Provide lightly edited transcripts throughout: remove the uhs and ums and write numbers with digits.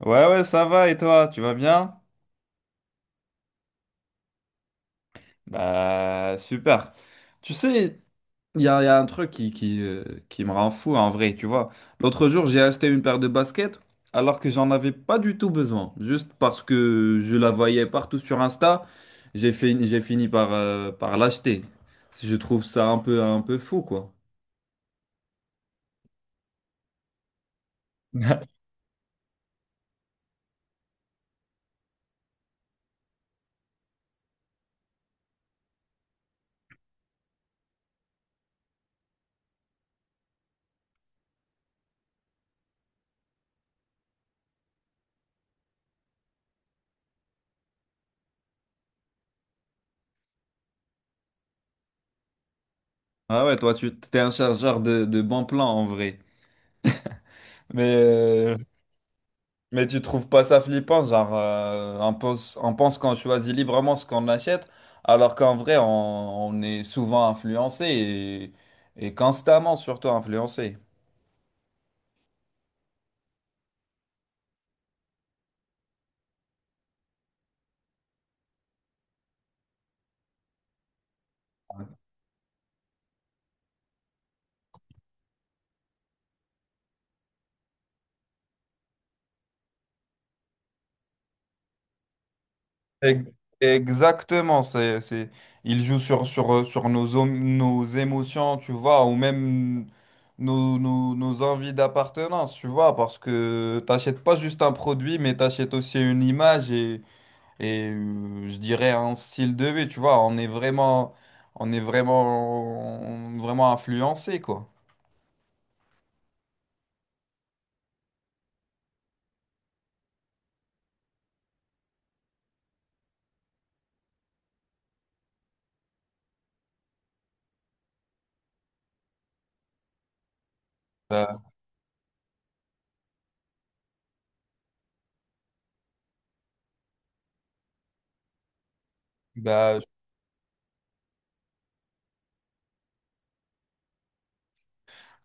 Ouais, ouais, ça va, et toi, tu vas bien? Bah, super. Tu sais, il y a un truc qui me rend fou en vrai, tu vois. L'autre jour, j'ai acheté une paire de baskets alors que j'en avais pas du tout besoin. Juste parce que je la voyais partout sur Insta, j'ai fini par l'acheter. Je trouve ça un peu fou, quoi. Ah ouais, toi, tu t'es un chargeur de bons plans en vrai. Mais. Mais tu trouves pas ça flippant, genre on pense qu'on choisit librement ce qu'on achète, alors qu'en vrai on est souvent influencé, et constamment surtout influencé. Ex- Exactement, il joue sur nos émotions, tu vois, ou même nos envies d'appartenance, tu vois, parce que t'achètes pas juste un produit, mais t'achètes aussi une image et je dirais un style de vie, tu vois. On est vraiment vraiment influencé, quoi. Bah, bah,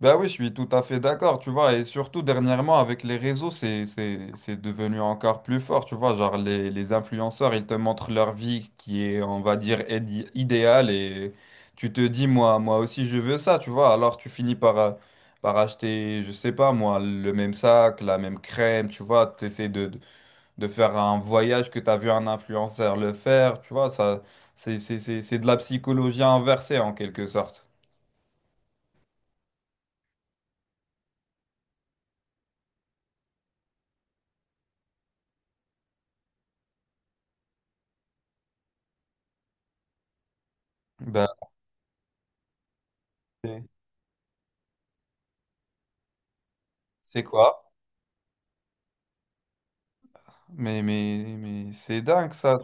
bah oui, je suis tout à fait d'accord, tu vois, et surtout dernièrement avec les réseaux, c'est devenu encore plus fort, tu vois, genre les influenceurs, ils te montrent leur vie qui est, on va dire, idéale, et tu te dis moi aussi je veux ça, tu vois. Alors tu finis par par acheter, je sais pas moi, le même sac, la même crème, tu vois. Tu essaies de faire un voyage que tu as vu un influenceur le faire, tu vois. Ça, c'est de la psychologie inversée en quelque sorte. Bah, c'est c'est quoi? Mais c'est dingue, ça.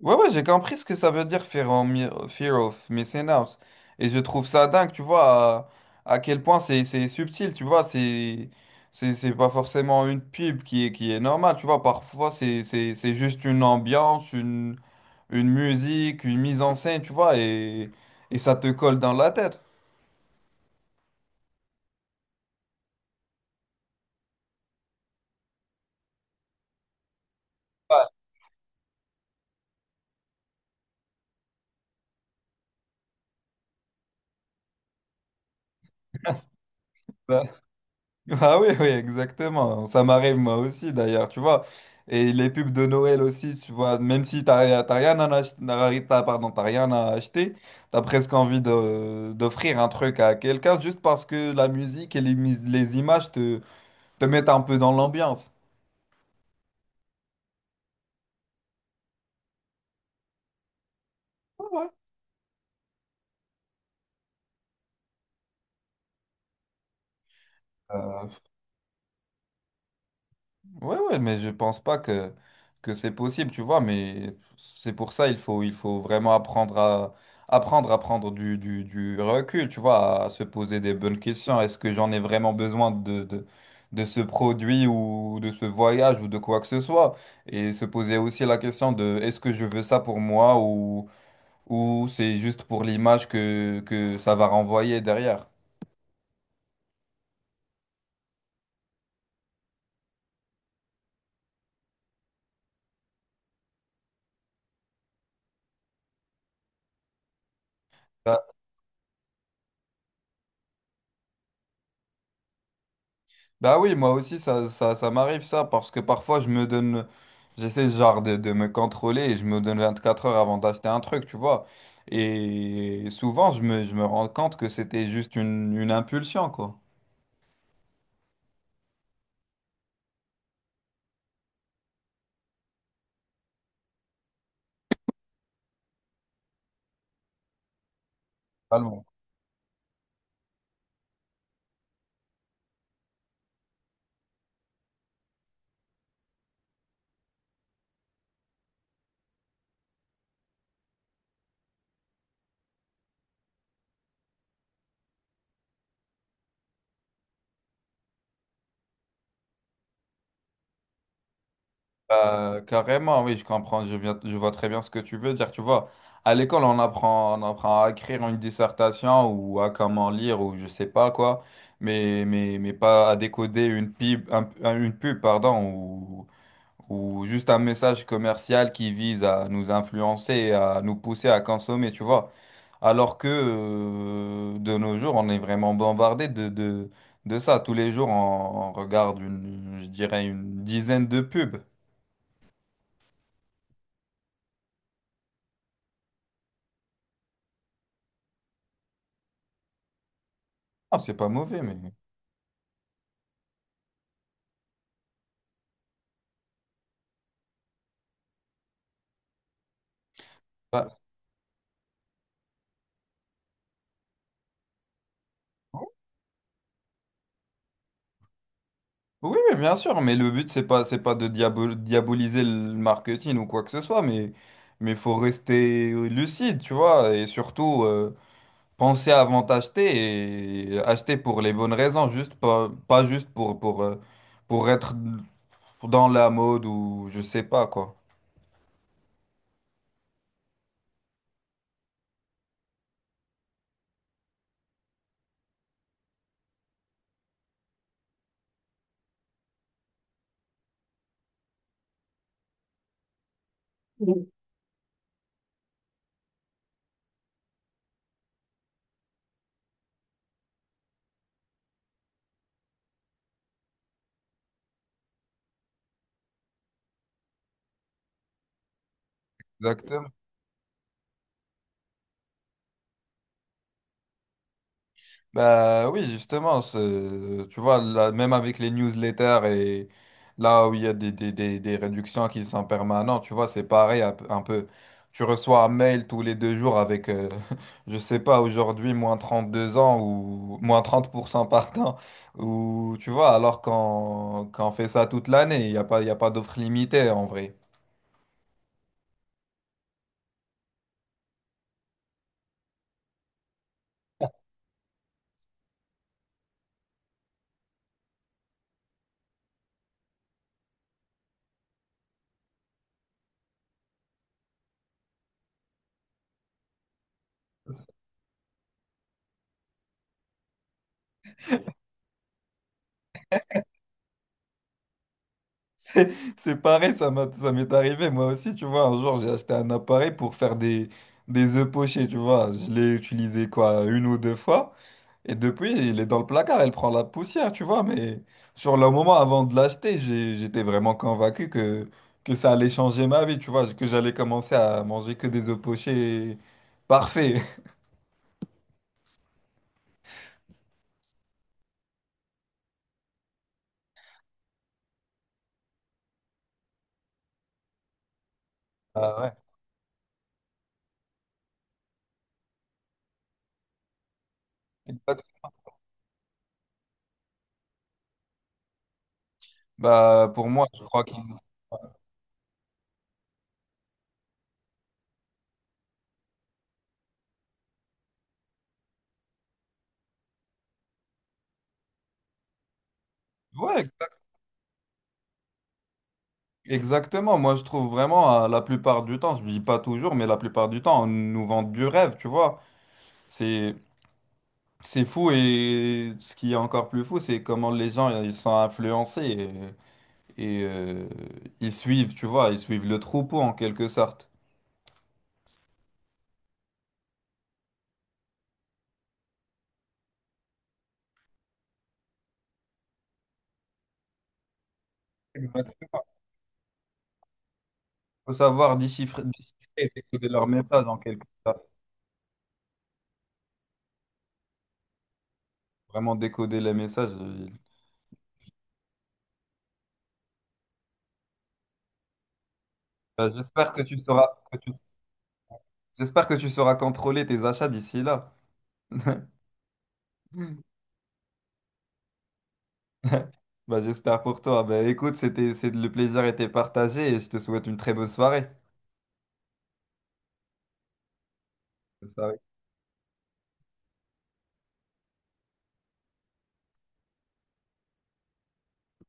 Ouais, ouais, j'ai compris ce que ça veut dire, fear of missing out. Et je trouve ça dingue, tu vois, à quel point c'est subtil, tu vois. C'est pas forcément une pub qui est normale, tu vois. Parfois, c'est juste une ambiance, une musique, une mise en scène, tu vois, et ça te colle dans la tête. Ouais, bah- ah oui, oui, exactement. Ça m'arrive moi aussi, d'ailleurs, tu vois. Et les pubs de Noël aussi, tu vois, même si t'as rien à acheter, t'as presque envie d'offrir un truc à quelqu'un, juste parce que la musique et les images te mettent un peu dans l'ambiance. Ouais. Ouais, ouais, mais je pense pas que c'est possible, tu vois. Mais c'est pour ça, il faut vraiment apprendre à, prendre du recul, tu vois, à se poser des bonnes questions. Est-ce que j'en ai vraiment besoin de ce produit, ou de ce voyage, ou de quoi que ce soit? Et se poser aussi la question de: est-ce que je veux ça pour moi, ou c'est juste pour l'image que ça va renvoyer derrière? Bah oui, moi aussi, ça, ça m'arrive ça, parce que parfois, j'essaie genre de me contrôler, et je me donne 24 heures avant d'acheter un truc, tu vois. Et souvent, je me rends compte que c'était juste une impulsion, quoi. Totalement. Carrément, oui, je comprends. Je vois très bien ce que tu veux dire, tu vois. À l'école, on apprend à écrire une dissertation, ou à comment lire, ou je sais pas quoi, mais mais pas à décoder une pub, une pub, pardon, ou juste un message commercial qui vise à nous influencer et à nous pousser à consommer, tu vois. Alors que de nos jours, on est vraiment bombardé de ça. Tous les jours, on regarde une, je dirais, une dizaine de pubs. Ah, c'est pas mauvais, mais... Ah. Oui, mais bien sûr, mais le but, c'est pas de diaboliser le marketing ou quoi que ce soit, mais faut rester lucide, tu vois, et surtout... pensez avant d'acheter, et acheter pour les bonnes raisons. Juste pas, pas juste pour être dans la mode, ou je sais pas quoi. Oui. Exactement. Bah oui, justement, tu vois, là, même avec les newsletters et là où il y a des réductions qui sont permanentes, tu vois. C'est pareil un peu. Tu reçois un mail tous les 2 jours avec, je sais pas, aujourd'hui, -32 ans ou -30% par temps. Ou tu vois, alors qu'on fait ça toute l'année. Il y a pas d'offre limitée en vrai. C'est pareil, ça m'est arrivé moi aussi, tu vois. Un jour, j'ai acheté un appareil pour faire des œufs pochés, tu vois. Je l'ai utilisé quoi, une ou deux fois. Et depuis, il est dans le placard, il prend la poussière, tu vois. Mais sur le moment, avant de l'acheter, j'étais vraiment convaincu que ça allait changer ma vie, tu vois. Que j'allais commencer à manger que des œufs pochés parfaits. Ah ouais. Exact. Bah, pour moi, je crois qu'il. Ouais. Exactement, moi je trouve vraiment la plupart du temps, je dis pas toujours, mais la plupart du temps, on nous vend du rêve, tu vois. C'est c'est fou, et ce qui est encore plus fou, c'est comment les gens ils sont influencés, et, et, euh, ils suivent, tu vois, ils suivent le troupeau en quelque sorte. Il faut savoir déchiffrer, et décoder leurs messages en quelque sorte, vraiment décoder les messages. Euh, J'espère que tu sauras, que tu- j'espère que tu sauras contrôler tes achats d'ici là. Bah, j'espère pour toi. Bah, écoute, le plaisir était partagé, et je te souhaite une très bonne soirée. Bonne soirée.